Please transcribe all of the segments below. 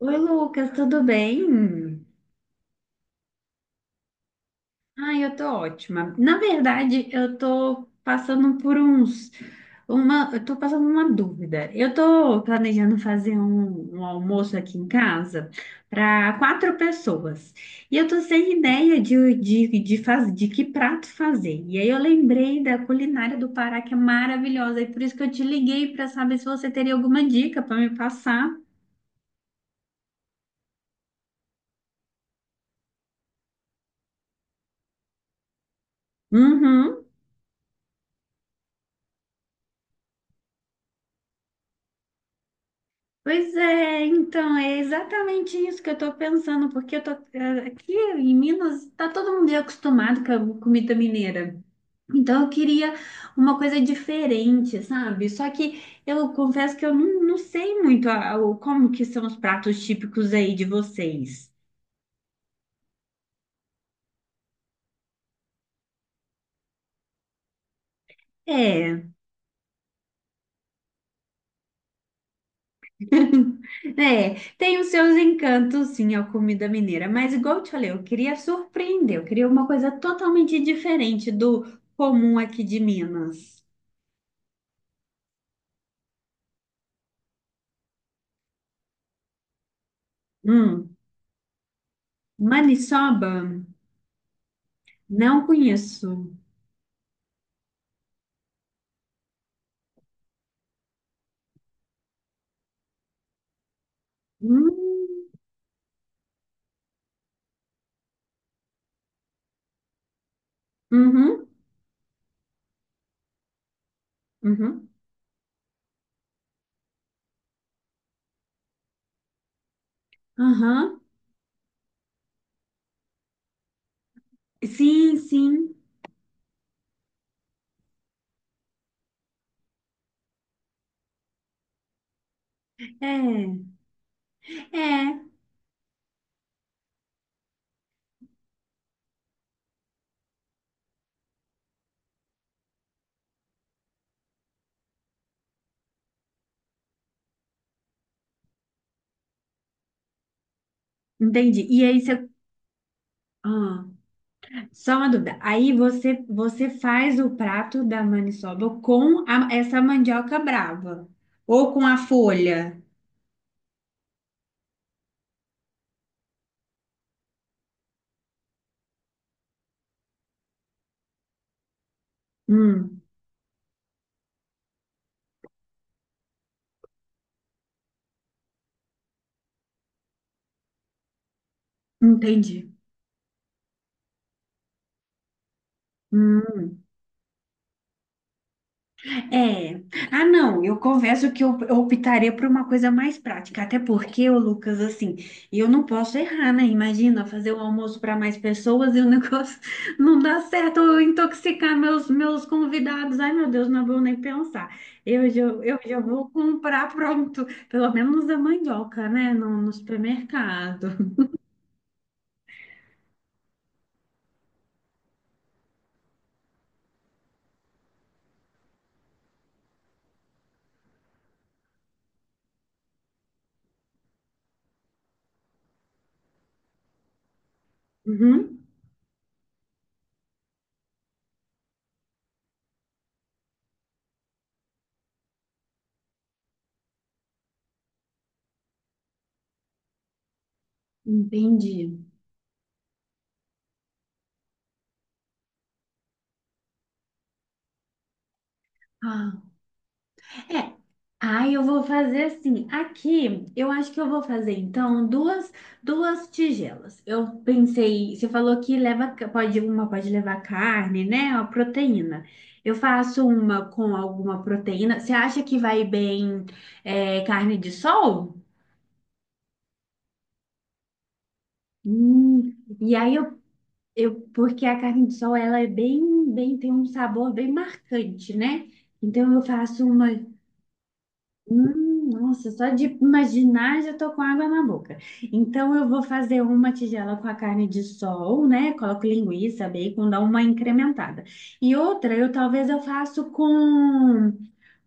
Oi, Lucas, tudo bem? Ai, eu tô ótima. Na verdade, eu tô passando uma dúvida. Eu tô planejando fazer um almoço aqui em casa para quatro pessoas. E eu tô sem ideia de que prato fazer. E aí eu lembrei da culinária do Pará, que é maravilhosa, e por isso que eu te liguei para saber se você teria alguma dica para me passar. Uhum. Pois é, então é exatamente isso que eu tô pensando, porque eu tô aqui em Minas, tá todo mundo acostumado com a comida mineira. Então eu queria uma coisa diferente, sabe? Só que eu confesso que eu não, não sei muito a- o como que são os pratos típicos aí de vocês. É, é, tem os seus encantos, sim, a comida mineira, mas igual eu te falei, eu queria surpreender, eu queria uma coisa totalmente diferente do comum aqui de Minas. Hum. Maniçoba? Não conheço. Hum, uhum, uhum, aham. Sim, sim. É, é. Entendi. E aí você. Ah, só uma dúvida. Você faz o prato da maniçoba com essa mandioca brava ou com a folha? Hum, entendi. Hum. É. Ah, não, eu confesso que eu optaria por uma coisa mais prática, até porque, ô Lucas, assim, eu não posso errar, né? Imagina fazer o almoço para mais pessoas e o negócio não dá certo, eu intoxicar meus convidados. Ai, meu Deus, não vou nem pensar. Eu já vou comprar pronto, pelo menos a mandioca, né? No supermercado. Uhum, entendi. É. Ai, eu vou fazer assim. Aqui, eu acho que eu vou fazer então duas tigelas. Eu pensei, você falou que leva pode uma pode levar carne, né? A proteína. Eu faço uma com alguma proteína. Você acha que vai bem carne de sol? Hum, e aí eu, eu porque a carne de sol ela é bem tem um sabor bem marcante, né? Então eu faço uma nossa, só de imaginar já tô com água na boca. Então eu vou fazer uma tigela com a carne de sol, né? Coloco linguiça, bacon, dá uma incrementada. E outra, eu faço com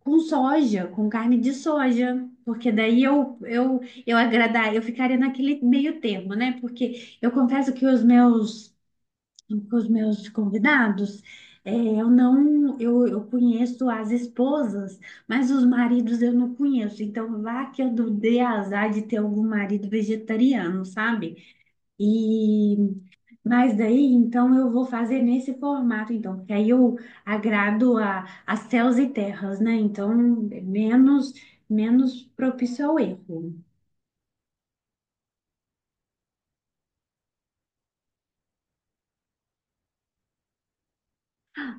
com carne de soja, porque daí eu agradar, eu ficaria naquele meio termo, né? Porque eu confesso que os meus com os meus convidados, é, eu não, eu conheço as esposas, mas os maridos eu não conheço. Então, vá que eu dei azar de ter algum marido vegetariano, sabe? E, mas daí, então, eu vou fazer nesse formato, então, porque aí eu agrado a céus e terras, né? Então, menos, menos propício ao erro.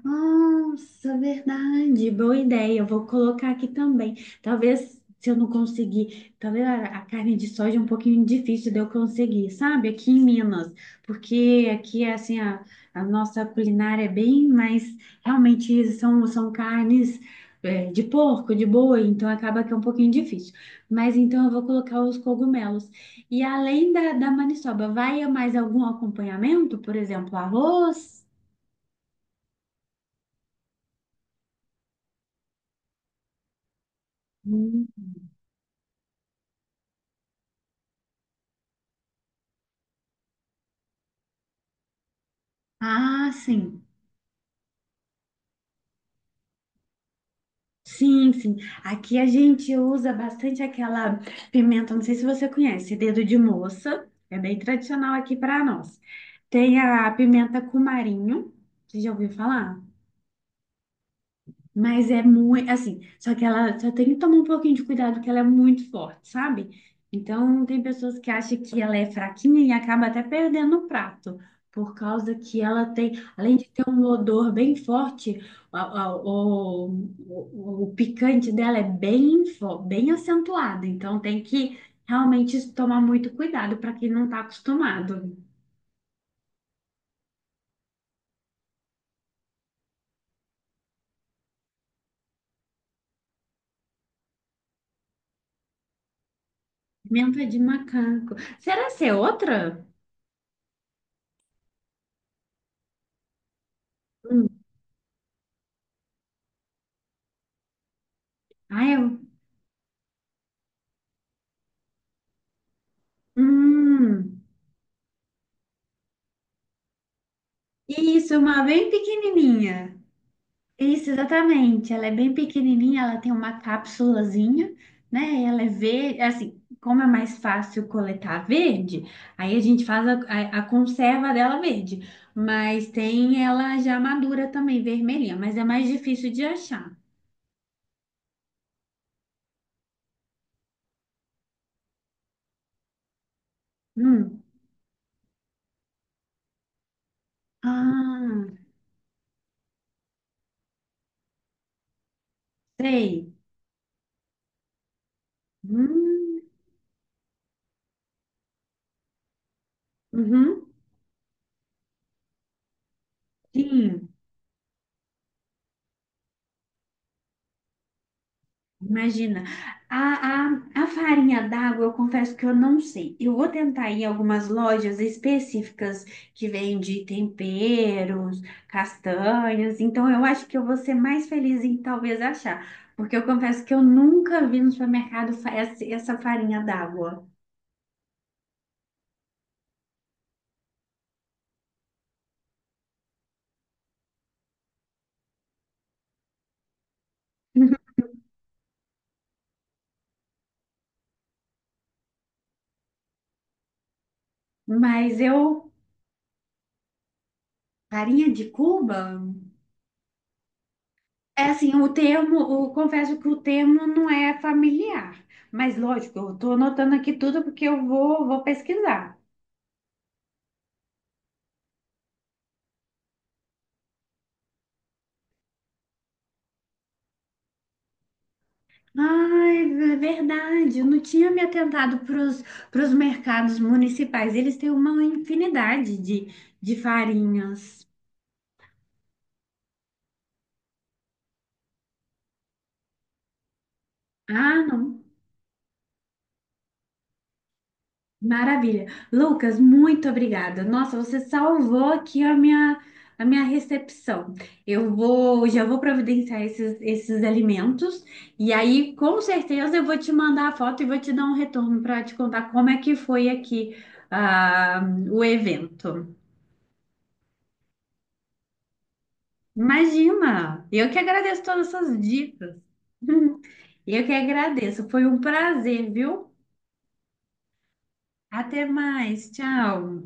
Nossa, verdade, boa ideia. Eu vou colocar aqui também. Talvez se eu não conseguir, talvez a carne de soja é um pouquinho difícil de eu conseguir, sabe? Aqui em Minas, porque aqui é assim a nossa culinária é bem, mas realmente são carnes de porco, de boi, então acaba que é um pouquinho difícil. Mas então eu vou colocar os cogumelos. E além da maniçoba, vai mais algum acompanhamento? Por exemplo, arroz? Ah, sim. Sim, sim. Aqui a gente usa bastante aquela pimenta, não sei se você conhece, dedo de moça. É bem tradicional aqui para nós. Tem a pimenta cumarinho. Você já ouviu falar? Mas é muito, assim, só que ela só tem que tomar um pouquinho de cuidado, porque ela é muito forte, sabe? Então, tem pessoas que acham que ela é fraquinha e acaba até perdendo o prato, por causa que ela tem, além de ter um odor bem forte, a- a- o, o picante dela é bem, bem acentuado. Então, tem que realmente tomar muito cuidado para quem não está acostumado. Pimenta de macaco. Será que é outra? Hum. Ah, eu. Hum. Isso, uma bem pequenininha. Isso, exatamente. Ela é bem pequenininha, ela tem uma cápsulazinha, né? Ela é verde, assim, como é mais fácil coletar verde, aí a gente faz a conserva dela verde. Mas tem ela já madura também, vermelhinha, mas é mais difícil de achar. Hum. Ah, sei. Hum, uhum. Sim. Imagina, a, a farinha d'água, eu confesso que eu não sei. Eu vou tentar ir em algumas lojas específicas que vende temperos, castanhas. Então, eu acho que eu vou ser mais feliz em talvez achar, porque eu confesso que eu nunca vi no supermercado essa farinha d'água. Mas eu, farinha de Cuba? É assim, o termo, O confesso que o termo não é familiar. Mas lógico, eu estou anotando aqui tudo porque vou pesquisar. Ai, é verdade. Eu não tinha me atentado para os mercados municipais. Eles têm uma infinidade de farinhas. Ah, não. Maravilha. Lucas, muito obrigada. Nossa, você salvou aqui a minha recepção. Já vou providenciar esses alimentos e aí, com certeza, eu vou te mandar a foto e vou te dar um retorno para te contar como é que foi aqui, ah, o evento. Imagina! Eu que agradeço todas essas dicas. Eu que agradeço. Foi um prazer, viu? Até mais. Tchau.